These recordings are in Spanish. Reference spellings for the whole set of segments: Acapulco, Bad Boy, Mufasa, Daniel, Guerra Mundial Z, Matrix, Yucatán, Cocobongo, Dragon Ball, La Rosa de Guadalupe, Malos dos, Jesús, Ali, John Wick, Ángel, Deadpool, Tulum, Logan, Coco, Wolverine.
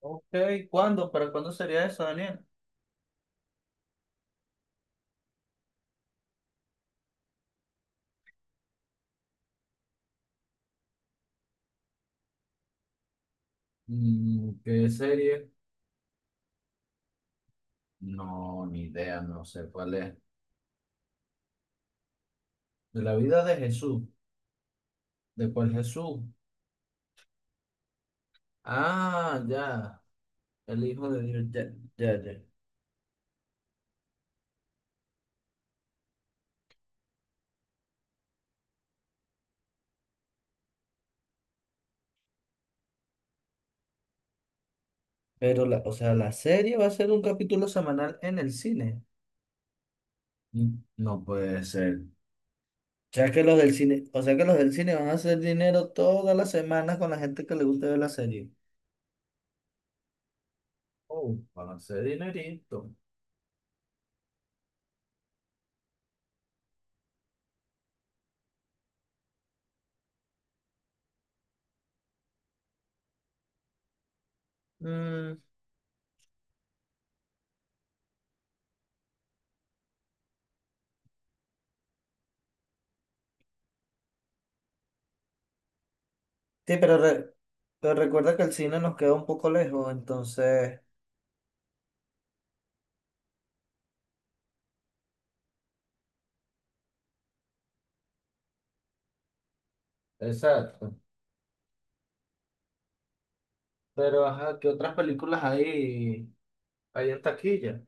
Ok, ¿cuándo? ¿Para cuándo sería eso, Daniel? Mm, ¿qué serie? No, ni idea, no sé cuál es. De la vida de Jesús. ¿De cuál Jesús? Ah, ya, el hijo de Dios, ya, ya, ya. Pero, la serie va a ser un capítulo semanal en el cine. Mm, no puede ser. O sea que los del cine, o sea que los del cine van a hacer dinero todas las semanas con la gente que le gusta ver la serie. Oh, van a ser dinerito. Sí, pero, pero recuerda que el cine nos queda un poco lejos, entonces. Exacto. Pero, ajá, ¿qué otras películas hay en taquilla?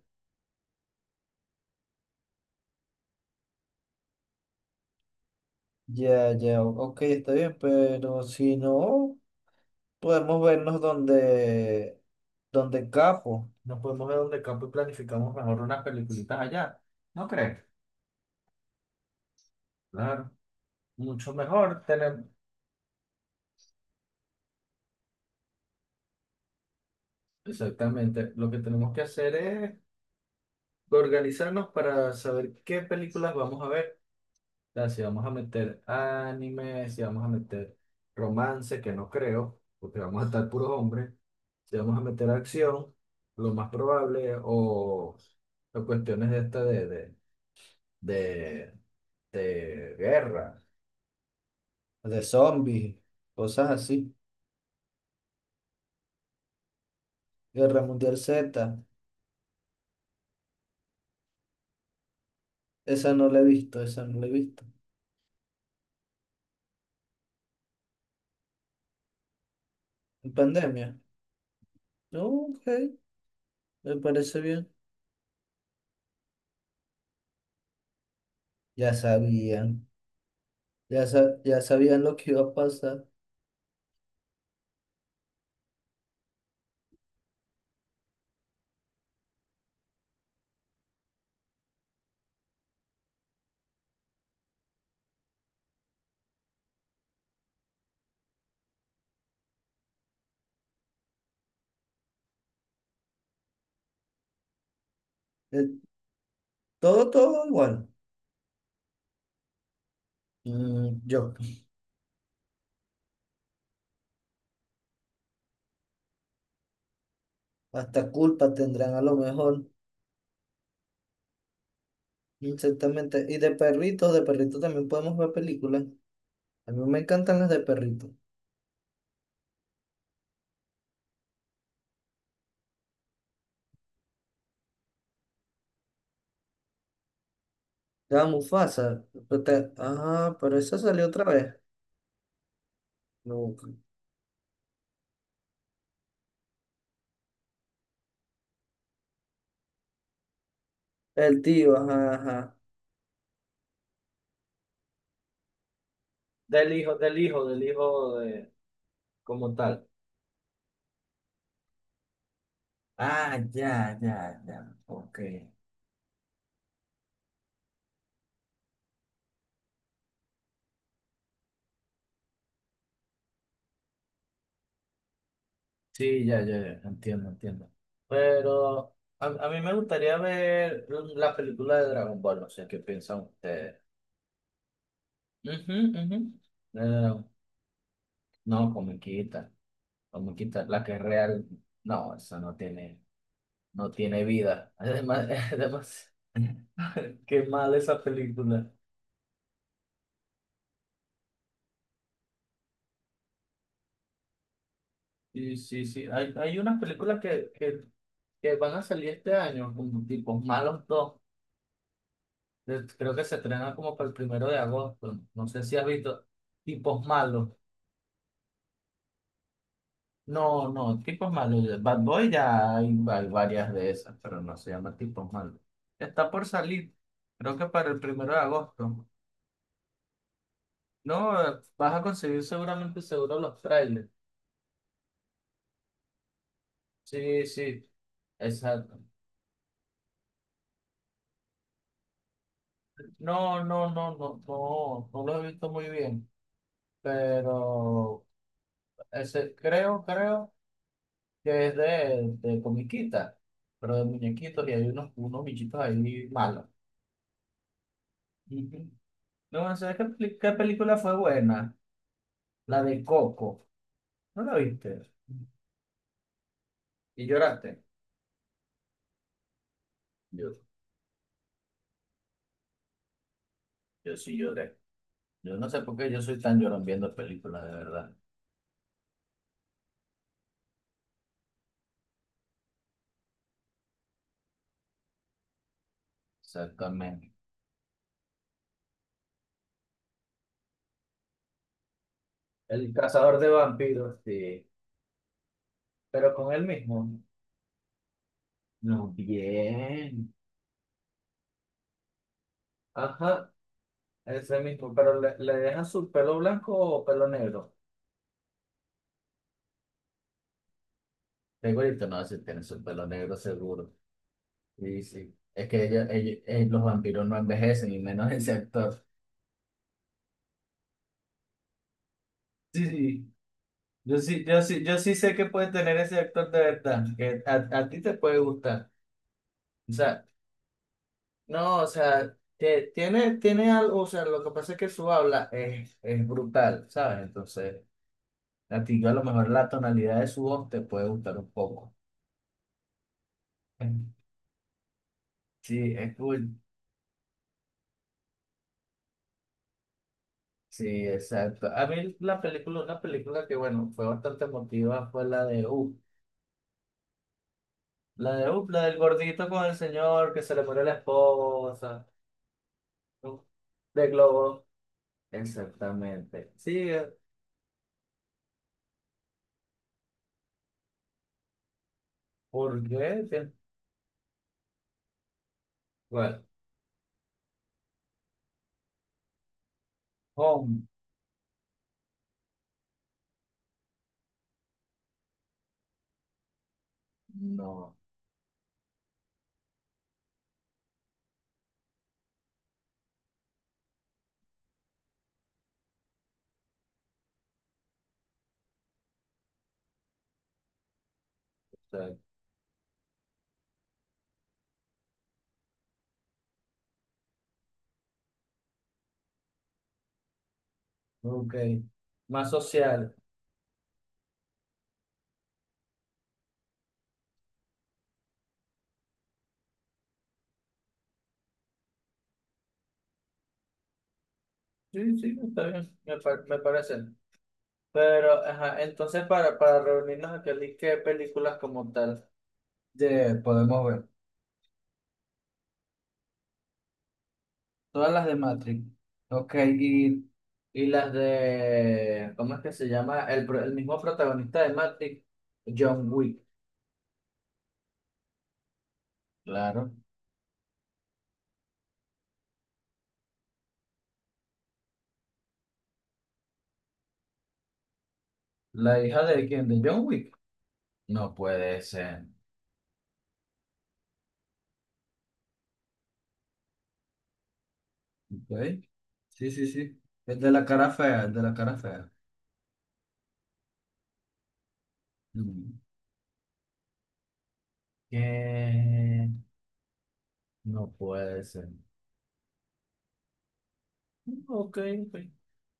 Ya, ya, ok, está bien, pero si no, podemos donde capo. Nos podemos ver donde campo y planificamos mejor unas peliculitas allá. ¿No crees? Claro, mucho mejor tener. Exactamente. Lo que tenemos que hacer es organizarnos para saber qué películas vamos a ver. Sea, si vamos a meter anime, si vamos a meter romance, que no creo, porque vamos a estar puros hombres, si vamos a meter acción, lo más probable, o cuestiones de de, de guerra, de zombies, cosas así. Guerra Mundial Z, esa no la he visto. En pandemia. No, ok, me parece bien. Ya sabían, ya, ya sabían lo que iba a pasar. Eh, todo igual. Mm, yo, hasta culpa tendrán a lo mejor, exactamente. Y de perritos también podemos ver películas. A mí me encantan las de perritos. La Mufasa, pero pero esa salió otra vez. No, el tío, ajá, ajá. Del hijo de, como tal. Ah, ya, ok. Sí, ya, entiendo. Pero a mí me gustaría ver la película de Dragon Ball, no sé qué piensan ustedes. Ujú, ujú. No, no, comiquita, la que es real, no, eso no tiene, no tiene vida. Además, además, qué mal esa película. Sí, hay unas películas que van a salir este año, como tipo Malos dos. Creo que se estrenan como para el 1 de agosto, no sé si has visto, tipos malos. No, no, tipos malos. De Bad Boy ya hay varias de esas, pero no se llama tipos malos. Está por salir, creo que para el 1 de agosto. No, vas a conseguir seguramente seguro los trailers. Sí, sí, exacto. No, no lo he visto muy bien, pero ese creo que es de comiquita, pero de muñequitos y hay unos bichitos ahí malos. Ujú. No, sé qué, qué película fue buena? La de Coco. ¿No la viste? ¿Y lloraste? Yo, yo sí lloré. Yo no sé por qué yo soy tan llorón viendo películas, de verdad. Exactamente. El cazador de vampiros, sí. Pero con él mismo. No, bien. Ajá, ese mismo. Pero le dejan su pelo blanco o pelo negro. Segurito no, si tiene su pelo negro seguro. Sí, sí. Es que los vampiros no envejecen, y menos ese actor. Sí, sí. Yo sí sé que puede tener ese actor de verdad, que a ti te puede gustar. O sea, no, o sea, que tiene algo, o sea, lo que pasa es que su habla es brutal, ¿sabes? Entonces, a ti a lo mejor la tonalidad de su voz te puede gustar un poco. Sí, es cool. Sí, exacto. A mí la película, una película que, bueno, fue bastante emotiva fue la de U. La de U, la del gordito con el señor que se le muere la esposa, ¿no? De globo. Exactamente. Sí, porque, bueno, home, no, o sea ok. Más social. Sí, sí, está bien, me, me parece. Pero, ajá, entonces para reunirnos aquí, Ali, ¿qué películas como tal de, podemos ver? Todas las de Matrix. Ok, y las de, ¿cómo es que se llama? El, el mismo protagonista de Matrix, John Wick. Claro. ¿La hija de quién? ¿De John Wick? No puede ser. Ok. Sí. El de la cara fea. Mm. Que no puede ser. Ok, ok.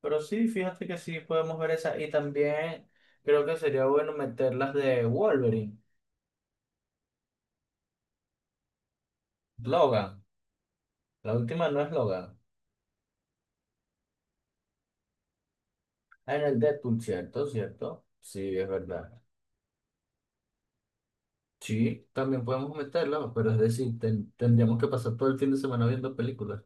Pero sí, fíjate que sí podemos ver esa. Y también creo que sería bueno meter las de Wolverine, Logan. La última no es Logan. Ah, en el Deadpool, ¿cierto? ¿Cierto? Sí, es verdad. Sí, también podemos meterla, pero es decir, tendríamos que pasar todo el fin de semana viendo películas.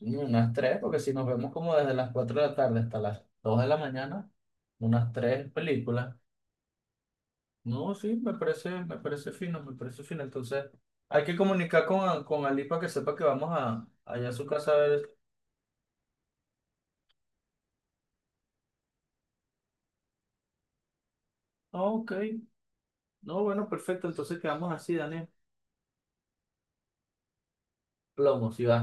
Mm, unas tres, porque si nos vemos como desde las 4 de la tarde hasta las 2 de la mañana. Unas tres películas. No, sí, me parece fino, me parece fino. Entonces, hay que comunicar con Ali para que sepa que vamos a, allá a su casa a ver. Ah, ok, no, bueno, perfecto. Entonces quedamos así, Daniel. Plomo, si va.